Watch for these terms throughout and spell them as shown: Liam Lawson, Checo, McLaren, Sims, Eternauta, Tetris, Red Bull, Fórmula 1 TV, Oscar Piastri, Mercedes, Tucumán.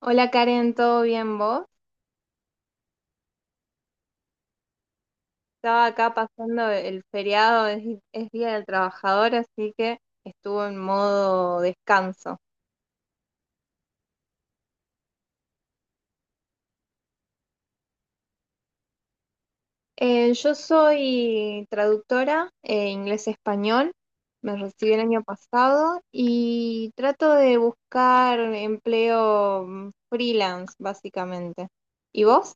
Hola Karen, ¿todo bien vos? Estaba acá pasando el feriado, es Día del Trabajador, así que estuvo en modo descanso. Yo soy traductora, inglés-español, me recibí el año pasado y trato de buscar empleo freelance, básicamente. ¿Y vos?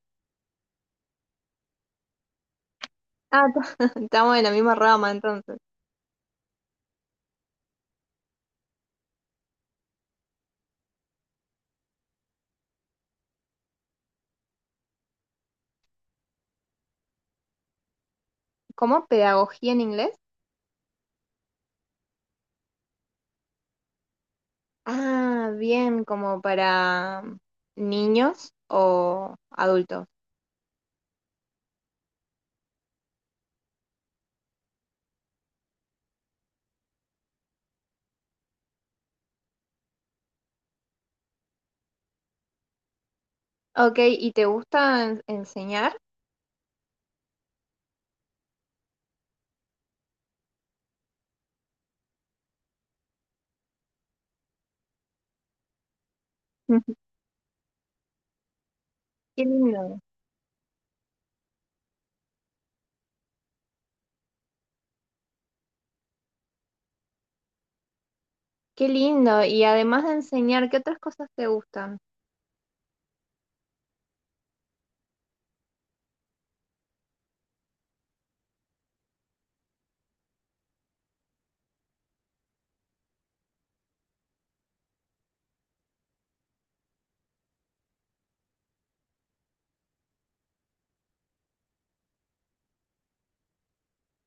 Ah, estamos en la misma rama entonces. ¿Cómo? ¿Pedagogía en inglés? Ah, bien, como para niños o adultos. Ok, ¿y te gusta enseñar? Qué lindo. Qué lindo. Y además de enseñar, ¿qué otras cosas te gustan?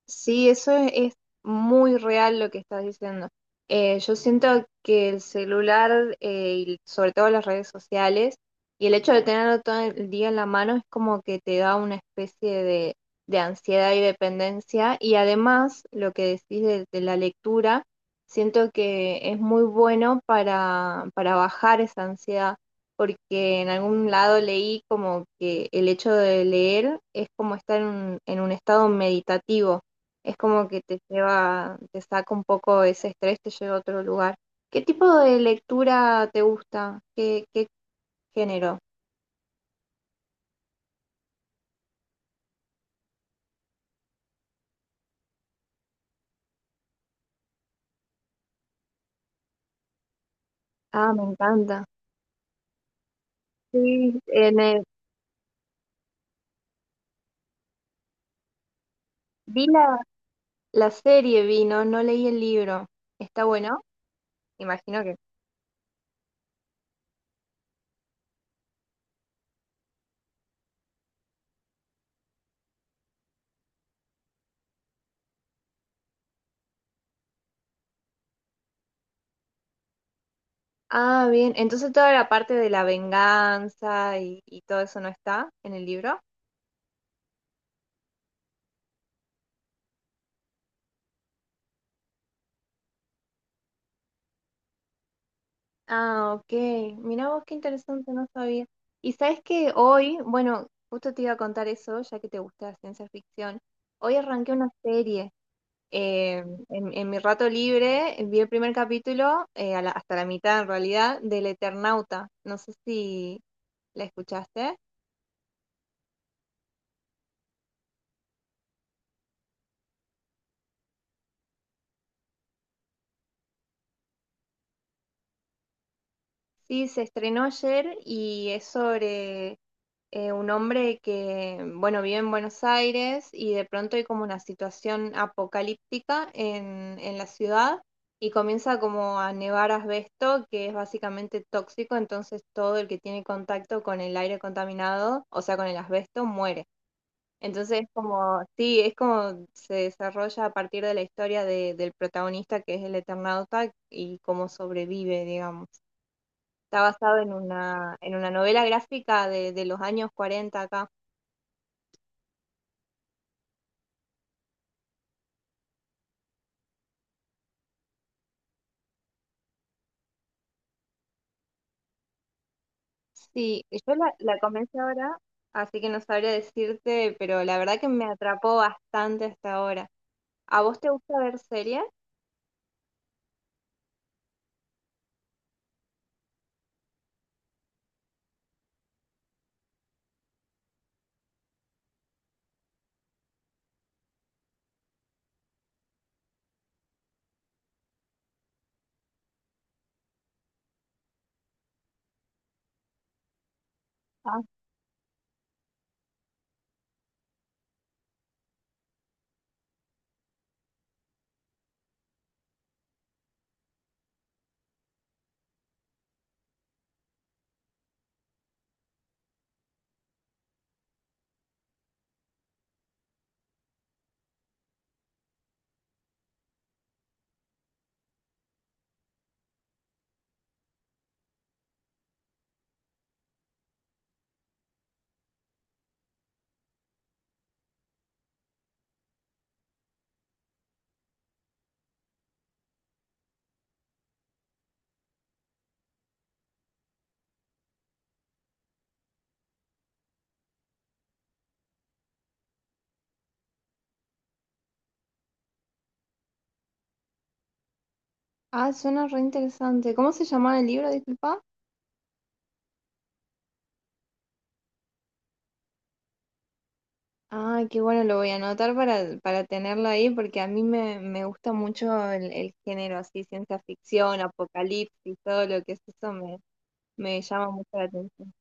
Sí, es muy real lo que estás diciendo. Yo siento que el celular y sobre todo las redes sociales y el hecho de tenerlo todo el día en la mano es como que te da una especie de ansiedad y dependencia. Y además, lo que decís de la lectura, siento que es muy bueno para bajar esa ansiedad, porque en algún lado leí como que el hecho de leer es como estar en un estado meditativo es como que te lleva, te saca un poco ese estrés, te lleva a otro lugar. ¿Qué tipo de lectura te gusta? ¿Qué género? Ah, me encanta. Sí, vi la serie, vi, no, no leí el libro. ¿Está bueno? Imagino que. Ah, bien. Entonces toda la parte de la venganza y todo eso no está en el libro. Ah, ok. Mira vos qué interesante, no sabía. Y sabes que hoy, bueno, justo te iba a contar eso, ya que te gusta la ciencia ficción. Hoy arranqué una serie. eh, en mi rato libre vi el primer capítulo, hasta la mitad en realidad, del Eternauta. No sé si la escuchaste. Sí, se estrenó ayer y es sobre un hombre que, bueno, vive en Buenos Aires y de pronto hay como una situación apocalíptica en la ciudad y comienza como a nevar asbesto, que es básicamente tóxico, entonces todo el que tiene contacto con el aire contaminado, o sea, con el asbesto, muere. Entonces es como, sí, es como se desarrolla a partir de la historia del protagonista que es el Eternauta y cómo sobrevive, digamos. Está basado en una novela gráfica de los años 40 acá. Sí, y yo la comencé ahora, así que no sabría decirte, pero la verdad que me atrapó bastante hasta ahora. ¿A vos te gusta ver series? Ah, ah, suena re interesante. ¿Cómo se llamaba el libro, disculpa? Ah, qué bueno, lo voy a anotar para tenerlo ahí, porque a mí me gusta mucho el género así, ciencia ficción, apocalipsis, todo lo que es me llama mucho la atención.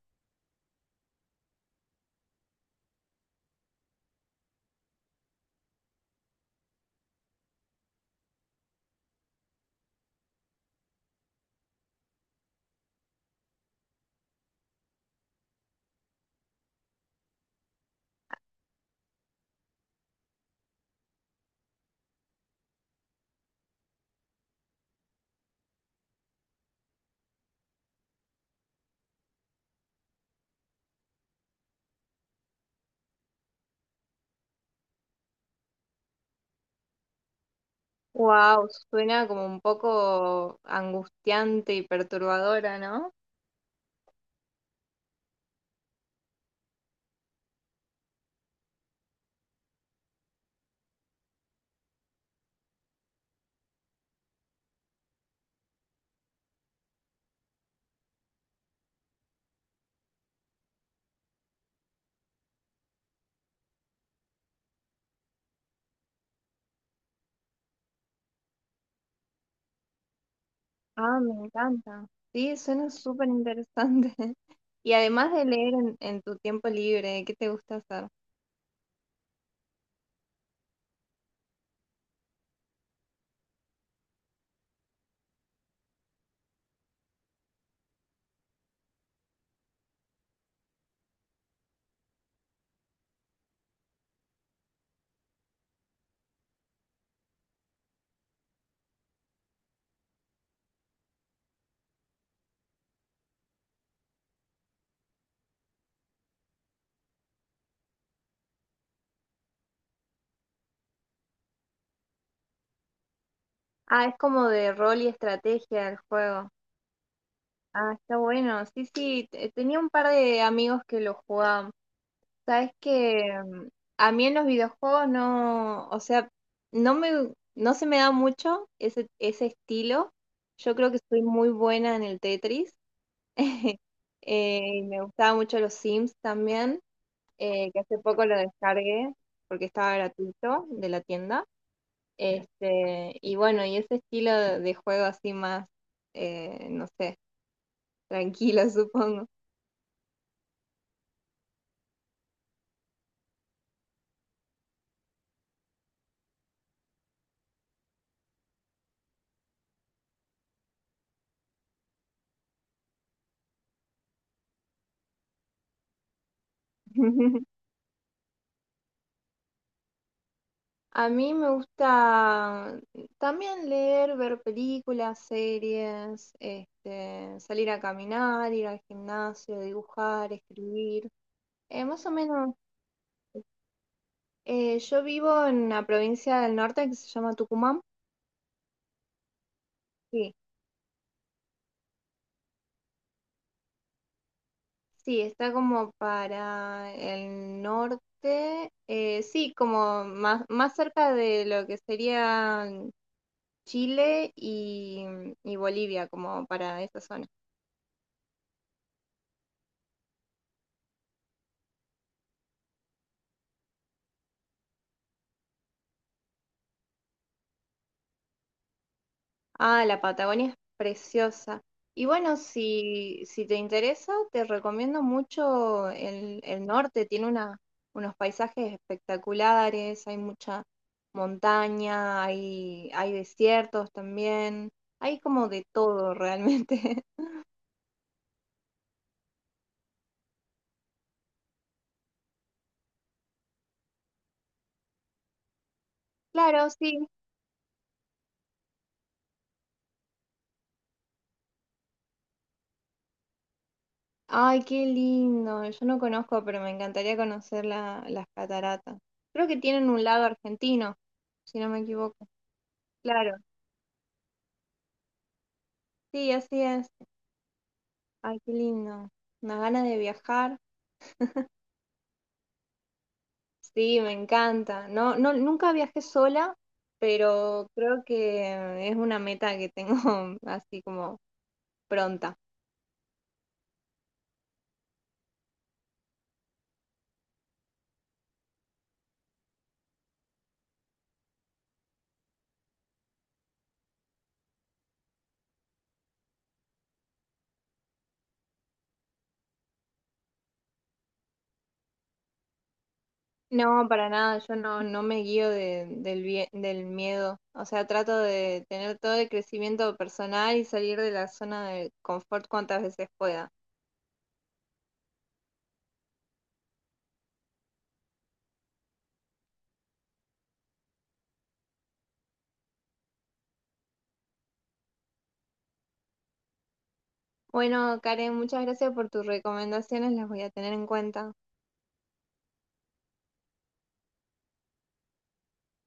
Wow, suena como un poco angustiante y perturbadora, ¿no? Ah, me encanta. Sí, suena súper interesante. Y además de leer en tu tiempo libre, ¿qué te gusta hacer? Ah, es como de rol y estrategia el juego. Ah, está bueno. Sí, sí, tenía un par de amigos que lo jugaban. Sabes que a mí en los videojuegos no, o sea, no me, no se me da mucho ese estilo. Yo creo que soy muy buena en el Tetris. Y me gustaba mucho los Sims también, que hace poco lo descargué porque estaba gratuito de la tienda. Este, y bueno, y ese estilo de juego así más, no sé, tranquilo, supongo. A mí me gusta también leer, ver películas, series, este, salir a caminar, ir al gimnasio, dibujar, escribir. Más o menos, yo vivo en una provincia del norte que se llama Tucumán. Sí, sí, está como para el norte, sí, como más, más cerca de lo que sería Chile y Bolivia, como para esa zona. Ah, la Patagonia es preciosa. Y bueno, si te interesa, te recomiendo mucho el norte. Tiene una, unos paisajes espectaculares, hay mucha montaña, hay desiertos también. Hay como de todo realmente. Claro, sí. Ay, qué lindo. Yo no conozco, pero me encantaría conocer las cataratas. Creo que tienen un lado argentino, si no me equivoco. Claro, sí, así es. Ay, qué lindo. Una gana de viajar. Sí, me encanta. No, no, nunca viajé sola, pero creo que es una meta que tengo así como pronta. No, para nada, yo no, no me guío del miedo. O sea, trato de tener todo el crecimiento personal y salir de la zona de confort cuantas veces pueda. Bueno, Karen, muchas gracias por tus recomendaciones, las voy a tener en cuenta.